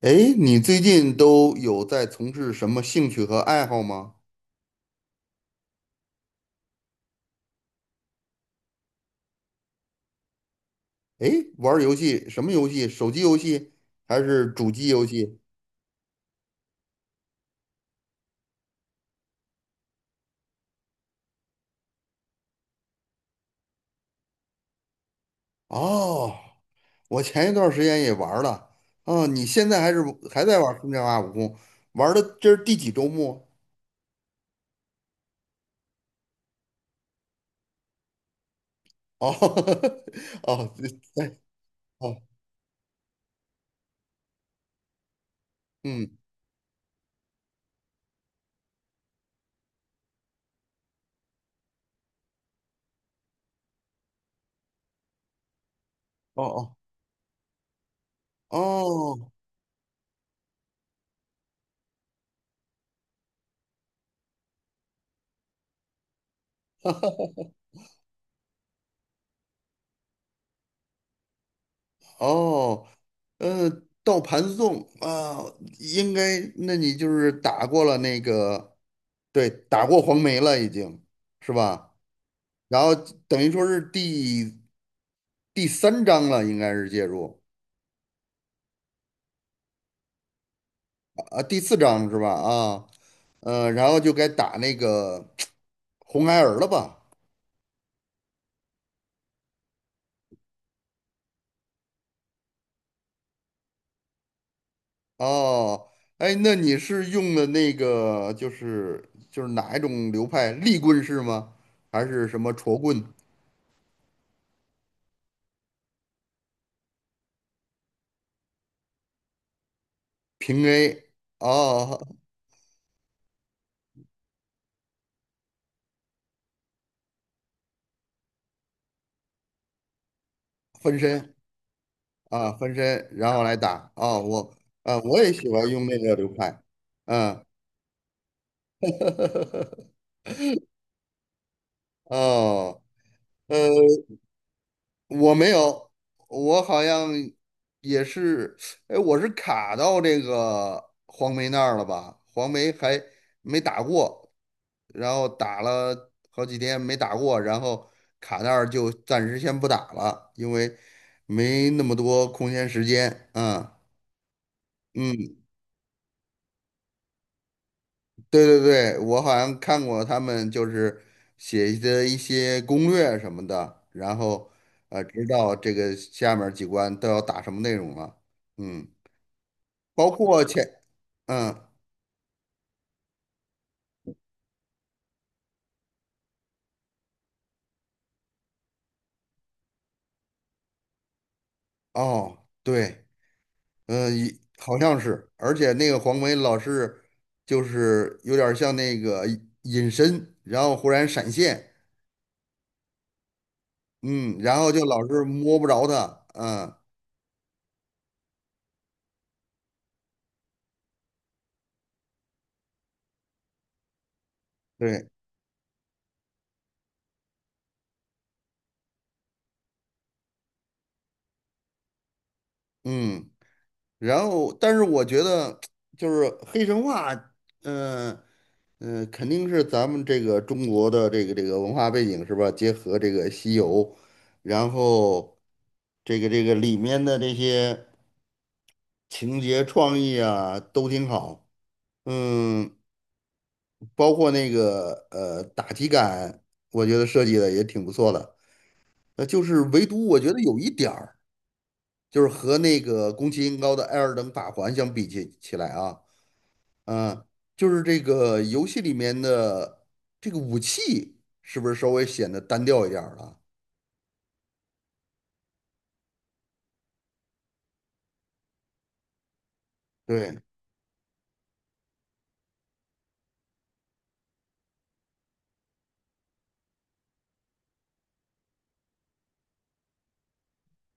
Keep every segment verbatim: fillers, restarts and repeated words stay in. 诶，你最近都有在从事什么兴趣和爱好吗？诶，玩儿游戏，什么游戏？手机游戏还是主机游戏？哦，我前一段时间也玩儿了。哦，你现在还是还在玩《空降二五空》？玩儿的这是第几周末？哦，哦，对，哦，嗯，哦哦哦。哦，呃，到盘送啊，应该，那你就是打过了那个，对，打过黄梅了，已经是吧？然后等于说是第第三章了，应该是介入啊，第四章是吧？啊，呃，然后就该打那个红孩儿了吧？哦，哎，那你是用的那个就是就是哪一种流派？立棍式吗？还是什么戳棍？平 A 哦，分身啊，分身，然后来打哦，我啊，我也喜欢用那个流派，嗯，哦，呃，我没有，我好像也是，哎，我是卡到这个黄梅那儿了吧？黄梅还没打过，然后打了好几天没打过，然后卡那儿就暂时先不打了，因为没那么多空闲时间，嗯。嗯，对对对，我好像看过他们就是写的一些攻略什么的，然后呃，知道这个下面儿几关都要打什么内容了。嗯，包括前，嗯，哦，对，嗯、一好像是，而且那个黄梅老是就是有点儿像那个隐身，然后忽然闪现，嗯，然后就老是摸不着他，嗯，对，嗯。然后，但是我觉得就是黑神话，嗯、呃嗯、呃肯定是咱们这个中国的这个这个文化背景是吧？结合这个西游，然后这个这个里面的这些情节创意啊都挺好，嗯，包括那个呃打击感，我觉得设计的也挺不错的。那就是唯独我觉得有一点儿，就是和那个宫崎英高的《艾尔登法环》相比起起来啊。嗯，就是这个游戏里面的这个武器，是不是稍微显得单调一点儿了？对，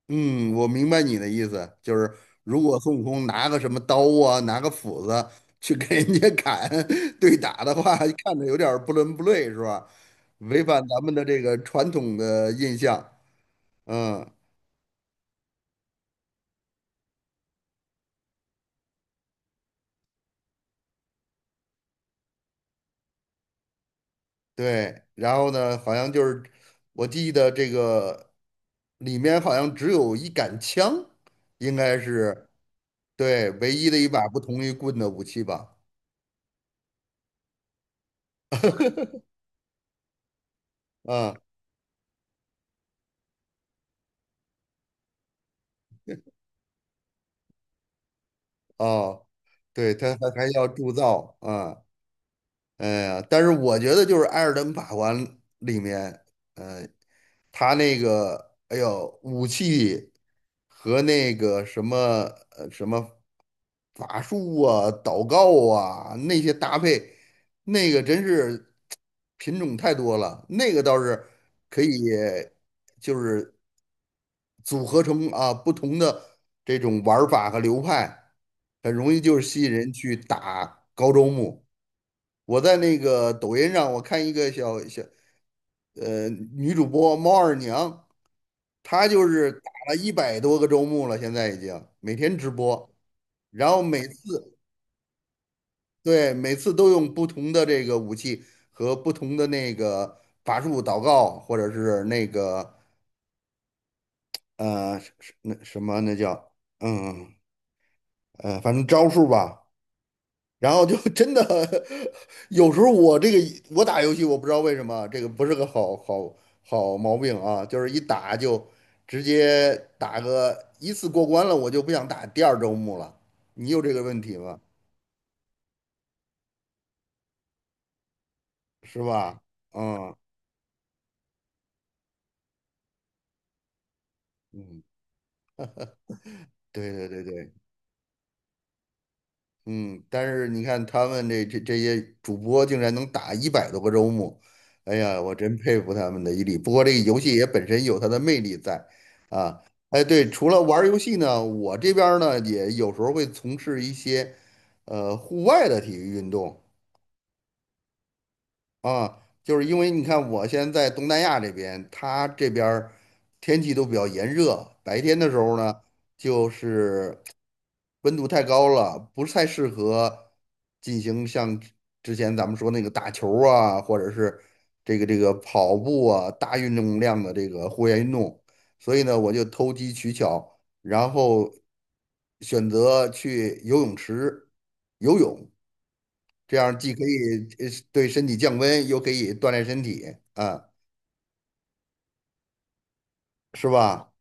嗯，我明白你的意思，就是如果孙悟空拿个什么刀啊，拿个斧子去跟人家砍 对打的话，看着有点儿不伦不类，是吧？违反咱们的这个传统的印象。嗯，对。然后呢，好像就是我记得这个里面好像只有一杆枪，应该是。对，唯一的一把不同于棍的武器吧。嗯，哦，对，他还还要铸造，嗯，哎呀，但是我觉得就是《艾尔登法环》里面，呃，他那个，哎呦，武器和那个什么呃什么法术啊、祷告啊那些搭配，那个真是品种太多了，那个倒是可以，就是组合成啊不同的这种玩儿法和流派，很容易就是吸引人去打高周目。我在那个抖音上，我看一个小小呃女主播猫二娘，她就是打了一百多个周目了，现在已经每天直播，然后每次对每次都用不同的这个武器和不同的那个法术祷告，或者是那个呃是是那什么那叫嗯呃反正招数吧。然后就真的 有时候我这个我打游戏，我不知道为什么啊这个不是个好好好毛病啊，就是一打就直接打个一次过关了，我就不想打第二周目了。你有这个问题吗？是吧？嗯嗯，对对对对。嗯，但是你看他们这这这些主播竟然能打一百多个周末，哎呀，我真佩服他们的毅力。不过这个游戏也本身有它的魅力在啊。哎，对，除了玩儿游戏呢，我这边儿呢也有时候会从事一些呃户外的体育运动啊，就是因为你看我现在在东南亚这边，它这边儿天气都比较炎热，白天的时候呢就是。温度太高了，不是太适合进行像之前咱们说那个打球儿啊，或者是这个这个跑步啊，大运动量的这个户外运动。所以呢，我就投机取巧，然后选择去游泳池游泳，这样既可以呃对身体降温，又可以锻炼身体，啊，是吧？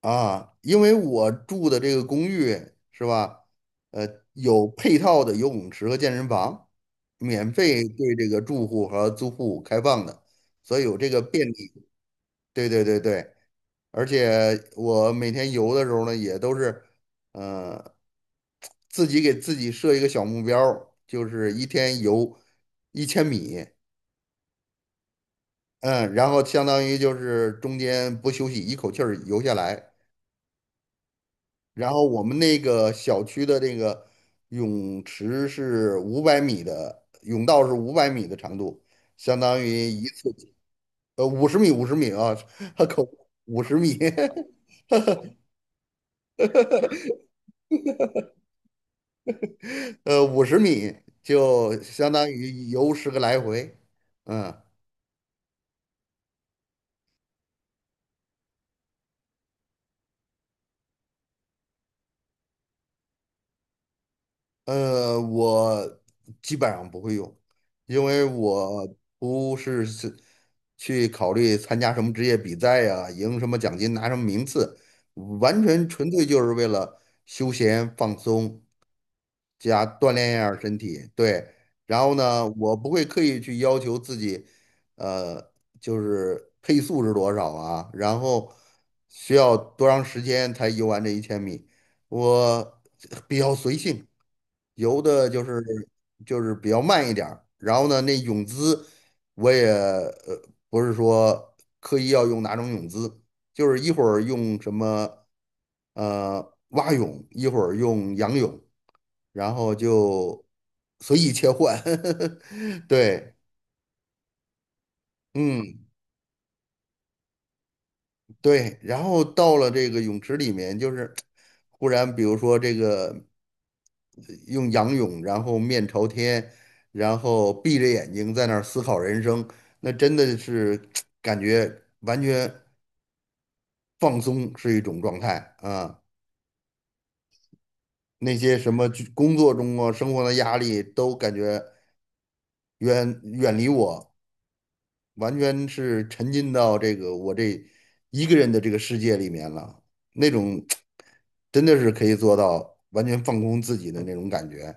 啊，因为我住的这个公寓是吧，呃，有配套的游泳池和健身房，免费对这个住户和租户开放的，所以有这个便利。对对对对，而且我每天游的时候呢，也都是，呃，自己给自己设一个小目标儿就是一天游一千米，嗯，然后相当于就是中间不休息，一口气儿游下来。然后我们那个小区的这个泳池是五百米的，泳道是五百米的长度，相当于一次呃五十米五十米啊，口五十米，呃五十米就相当于游十个来回，嗯，呃，我基本上不会用，因为我不是是去考虑参加什么职业比赛呀、赢什么奖金、拿什么名次，完全纯粹就是为了休闲放松，加锻炼一下儿身体，对。然后呢，我不会刻意去要求自己，呃，就是配速是多少啊，然后需要多长时间才游完这一千米，我比较随性，游的就是就是比较慢一点儿然后呢，那泳姿我也呃不是说刻意要用哪种泳姿，就是一会儿用什么呃蛙泳，一会儿用仰泳。然后就随意切换，对，嗯，对，然后到了这个泳池里面，就是忽然比如说这个呃用仰泳，然后面朝天，然后闭着眼睛在那儿思考人生，那真的是 感觉完全放松是一种状态啊。那些什么工作中啊、生活的压力都感觉远远离我，完全是沉浸到这个我这一个人的这个世界里面了，那种 真的是可以做到完全放空自己的那种感觉。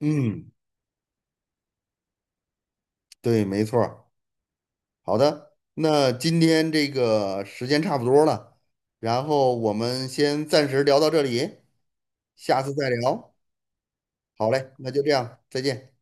嗯，对，没错儿。好的，那今天这个时间差不多了，然后我们先暂时聊到这里，下次再聊。好嘞，那就这样，再见。